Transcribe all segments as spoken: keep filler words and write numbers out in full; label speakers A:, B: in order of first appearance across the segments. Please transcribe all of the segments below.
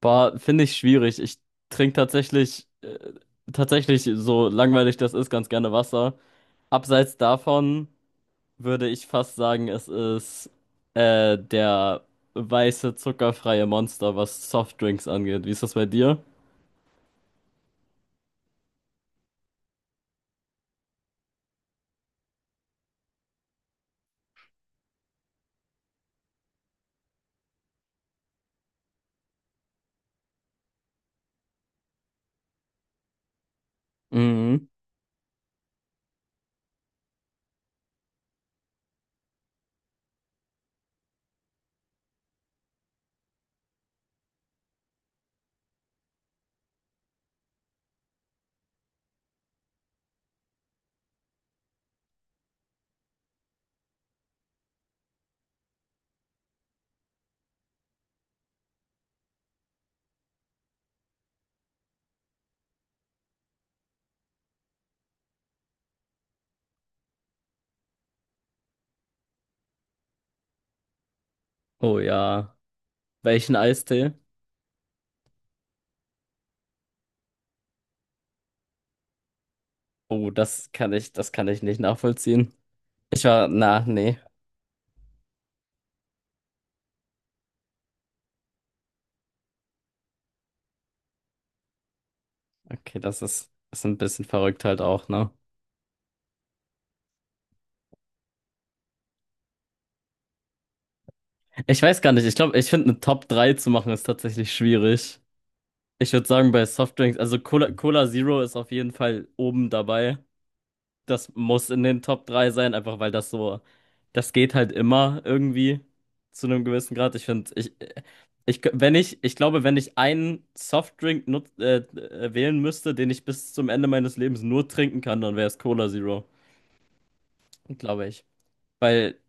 A: Boah, finde ich schwierig. Ich trinke tatsächlich, äh, tatsächlich, so langweilig das ist, ganz gerne Wasser. Abseits davon würde ich fast sagen, es ist äh, der weiße, zuckerfreie Monster, was Softdrinks angeht. Wie ist das bei dir? Mhm. Oh ja. Welchen Eistee? Oh, das kann ich, das kann ich nicht nachvollziehen. Ich war, na, nee. Okay, das ist, ist ein bisschen verrückt halt auch, ne? Ich weiß gar nicht. Ich glaube, ich finde eine Top drei zu machen ist tatsächlich schwierig. Ich würde sagen, bei Softdrinks, also Cola, Cola Zero ist auf jeden Fall oben dabei. Das muss in den Top drei sein, einfach weil das so, das geht halt immer irgendwie zu einem gewissen Grad. Ich finde, ich, ich, wenn ich, ich glaube, wenn ich einen Softdrink nut, äh, äh, wählen müsste, den ich bis zum Ende meines Lebens nur trinken kann, dann wäre es Cola Zero, glaube ich. Weil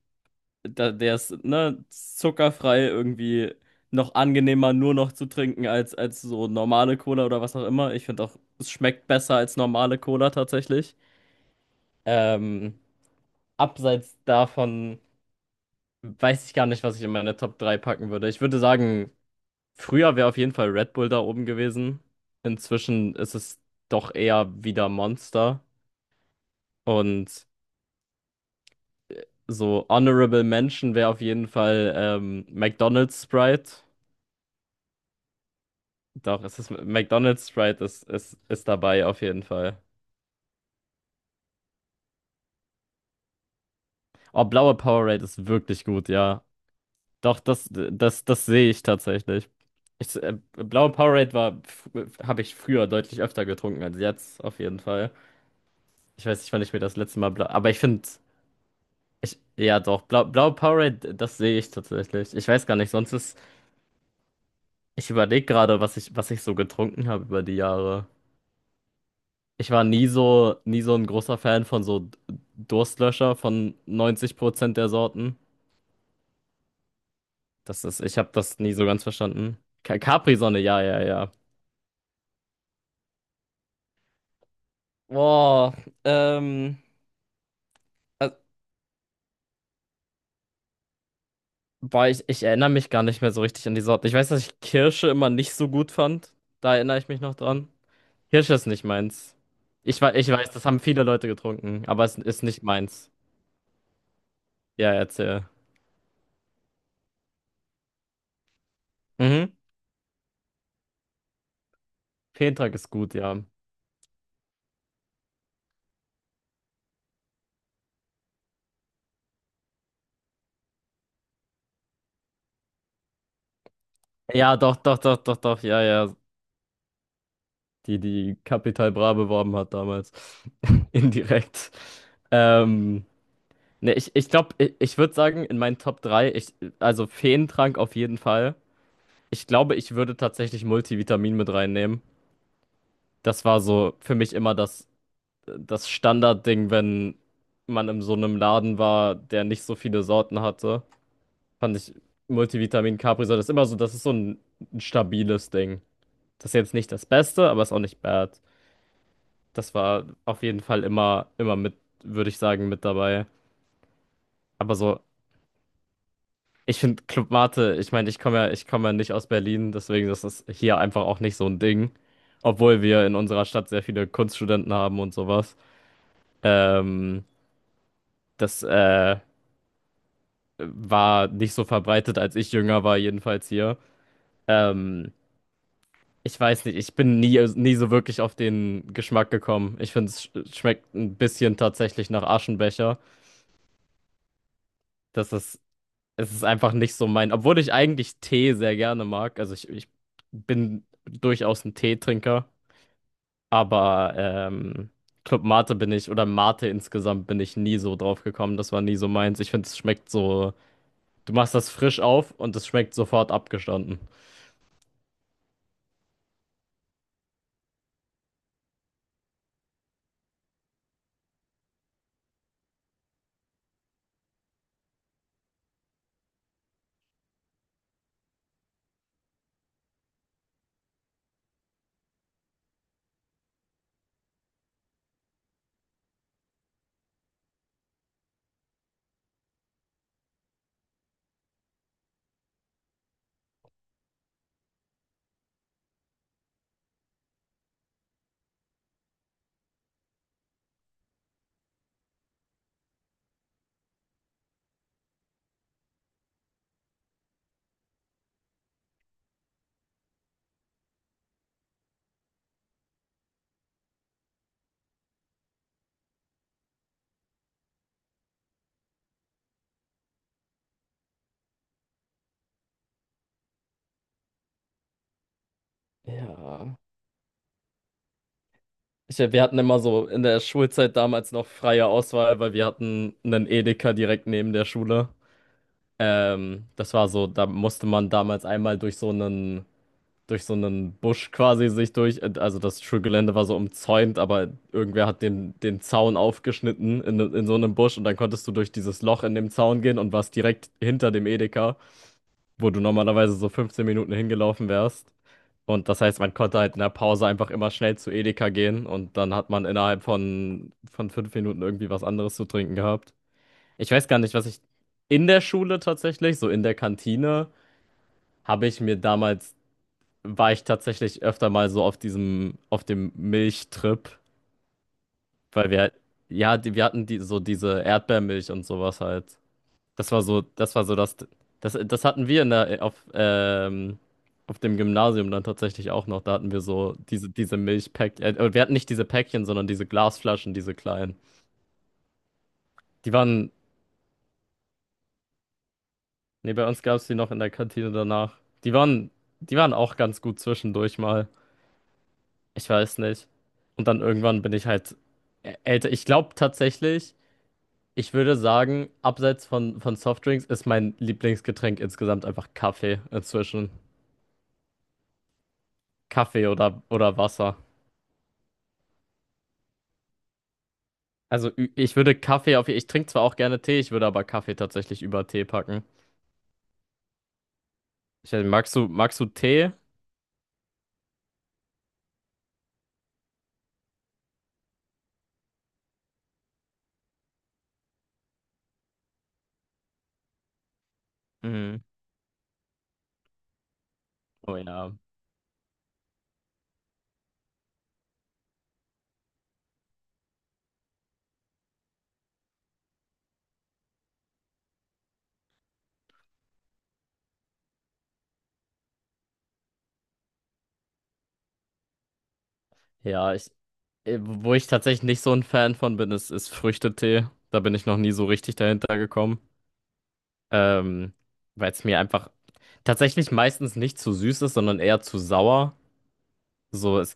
A: da, der ist, ne, zuckerfrei irgendwie noch angenehmer nur noch zu trinken als, als so normale Cola oder was auch immer. Ich finde auch, es schmeckt besser als normale Cola tatsächlich. Ähm, Abseits davon weiß ich gar nicht, was ich in meine Top drei packen würde. Ich würde sagen, früher wäre auf jeden Fall Red Bull da oben gewesen. Inzwischen ist es doch eher wieder Monster. Und so Honorable Mention wäre auf jeden Fall ähm, McDonald's Sprite. Doch, es ist McDonald's Sprite ist, ist, ist dabei auf jeden Fall. Oh, blaue Powerade ist wirklich gut, ja. Doch, das, das, das sehe ich tatsächlich. Ich, äh, blaue Powerade war, habe ich früher deutlich öfter getrunken als jetzt, auf jeden Fall. Ich weiß nicht, wann ich mir das letzte Mal blau, aber ich finde, ich, ja doch, blau, blaue Powerade, das sehe ich tatsächlich. Ich weiß gar nicht, sonst ist, ich überlege gerade, was ich, was ich so getrunken habe über die Jahre. Ich war nie so, nie so ein großer Fan von so D- Durstlöscher von neunzig Prozent der Sorten. Das ist, ich habe das nie so ganz verstanden. Ka- Capri-Sonne, ja, ja, ja. Boah, ähm, äh, boah, ich, ich erinnere mich gar nicht mehr so richtig an die Sorten. Ich weiß, dass ich Kirsche immer nicht so gut fand. Da erinnere ich mich noch dran. Kirsche ist nicht meins. Ich, wei- ich weiß, das haben viele Leute getrunken, aber es ist nicht meins. Ja, erzähl. Mhm. Fehntrag ist gut, ja. Ja, doch, doch, doch, doch, doch, ja, ja, die die Capital Bra beworben hat damals. Indirekt. Ähm, ne, ich ich glaube, ich, ich würde sagen, in meinen Top drei ich, also Feentrank auf jeden Fall. Ich glaube, ich würde tatsächlich Multivitamin mit reinnehmen. Das war so für mich immer das, das Standardding, wenn man in so einem Laden war, der nicht so viele Sorten hatte. Fand ich Multivitamin Capri-Sonne ist immer so, das ist so ein, ein stabiles Ding. Das ist jetzt nicht das Beste, aber ist auch nicht bad. Das war auf jeden Fall immer, immer mit, würde ich sagen, mit dabei. Aber so, ich finde Club Mate, ich meine, ich komme ja, ich komme ja nicht aus Berlin, deswegen ist das hier einfach auch nicht so ein Ding. Obwohl wir in unserer Stadt sehr viele Kunststudenten haben und sowas. Ähm, das äh, war nicht so verbreitet, als ich jünger war, jedenfalls hier. Ähm, ich weiß nicht, ich bin nie, nie so wirklich auf den Geschmack gekommen. Ich finde, es sch schmeckt ein bisschen tatsächlich nach Aschenbecher. Das ist Es ist einfach nicht so mein, obwohl ich eigentlich Tee sehr gerne mag. Also ich, ich bin durchaus ein Teetrinker, aber ähm, Club Mate bin ich oder Mate insgesamt bin ich nie so drauf gekommen. Das war nie so meins. Ich finde, es schmeckt so, du machst das frisch auf und es schmeckt sofort abgestanden. Ja. Ich, wir hatten immer so in der Schulzeit damals noch freie Auswahl, weil wir hatten einen Edeka direkt neben der Schule. Ähm, das war so, da musste man damals einmal durch so einen durch so einen Busch quasi sich durch. äh, Also das Schulgelände war so umzäunt, aber irgendwer hat den, den Zaun aufgeschnitten in, in so einem Busch und dann konntest du durch dieses Loch in dem Zaun gehen und warst direkt hinter dem Edeka, wo du normalerweise so fünfzehn Minuten hingelaufen wärst. Und das heißt, man konnte halt in der Pause einfach immer schnell zu Edeka gehen und dann hat man innerhalb von, von fünf Minuten irgendwie was anderes zu trinken gehabt. Ich weiß gar nicht, was ich in der Schule tatsächlich, so in der Kantine, habe ich mir damals war ich tatsächlich öfter mal so auf diesem, auf dem Milchtrip, weil wir, halt- ja, die, wir hatten die, so diese Erdbeermilch und sowas halt. Das war so, das war so das, das, das hatten wir in der, auf, ähm, auf dem Gymnasium dann tatsächlich auch noch. Da hatten wir so diese, diese Milchpäckchen, äh, äh, wir hatten nicht diese Päckchen, sondern diese Glasflaschen, diese kleinen. Die waren, nee, bei uns gab es die noch in der Kantine danach. Die waren, die waren auch ganz gut zwischendurch mal. Ich weiß nicht. Und dann irgendwann bin ich halt ä- älter. Ich glaube tatsächlich, ich würde sagen, abseits von, von Softdrinks ist mein Lieblingsgetränk insgesamt einfach Kaffee inzwischen. Kaffee oder, oder Wasser. Also ü- ich würde Kaffee auf, ich trinke zwar auch gerne Tee, ich würde aber Kaffee tatsächlich über Tee packen. Ich, weiß nicht, magst du, magst du Tee? Mhm. Oh ja. Ja, ich, äh, wo ich tatsächlich nicht so ein Fan von bin, ist, ist Früchtetee. Da bin ich noch nie so richtig dahinter gekommen. Ähm, weil es mir einfach tatsächlich meistens nicht zu süß ist, sondern eher zu sauer. So, es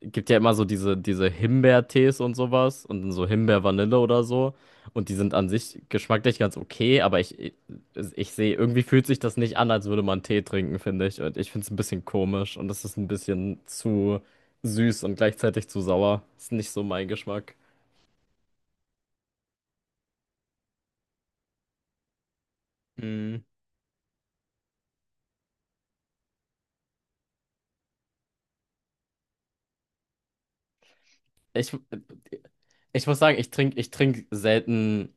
A: gibt ja immer so diese, diese Himbeertees und sowas und dann so Himbeer-Vanille oder so. Und die sind an sich geschmacklich ganz okay, aber ich, ich sehe, irgendwie fühlt sich das nicht an, als würde man Tee trinken, finde ich. Und ich finde es ein bisschen komisch und es ist ein bisschen zu süß und gleichzeitig zu sauer. Ist nicht so mein Geschmack. Mm. Ich, ich muss sagen, ich trinke ich trink selten,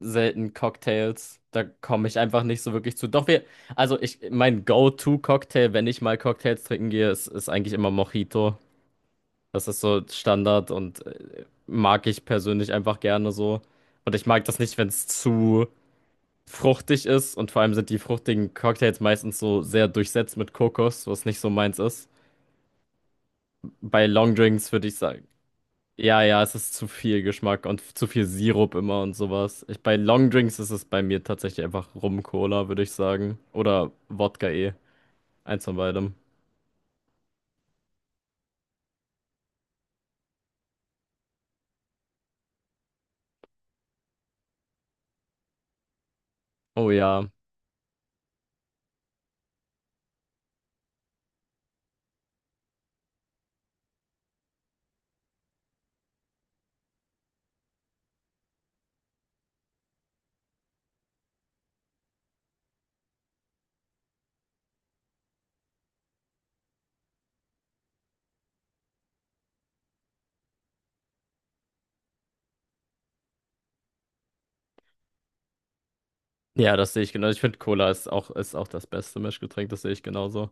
A: selten Cocktails. Da komme ich einfach nicht so wirklich zu. Doch wir, also ich, mein Go-To-Cocktail, wenn ich mal Cocktails trinken gehe, ist, ist eigentlich immer Mojito. Das ist so Standard und äh, mag ich persönlich einfach gerne so. Und ich mag das nicht, wenn es zu fruchtig ist. Und vor allem sind die fruchtigen Cocktails meistens so sehr durchsetzt mit Kokos, was nicht so meins ist. Bei Long Drinks würde ich sagen, ja, ja, es ist zu viel Geschmack und zu viel Sirup immer und sowas. Ich, bei Longdrinks ist es bei mir tatsächlich einfach Rum-Cola, würde ich sagen. Oder Wodka eh. Eins von beidem. Oh ja. Ja, das sehe ich genau. Ich finde, Cola ist auch, ist auch das beste Mischgetränk, das sehe ich genauso.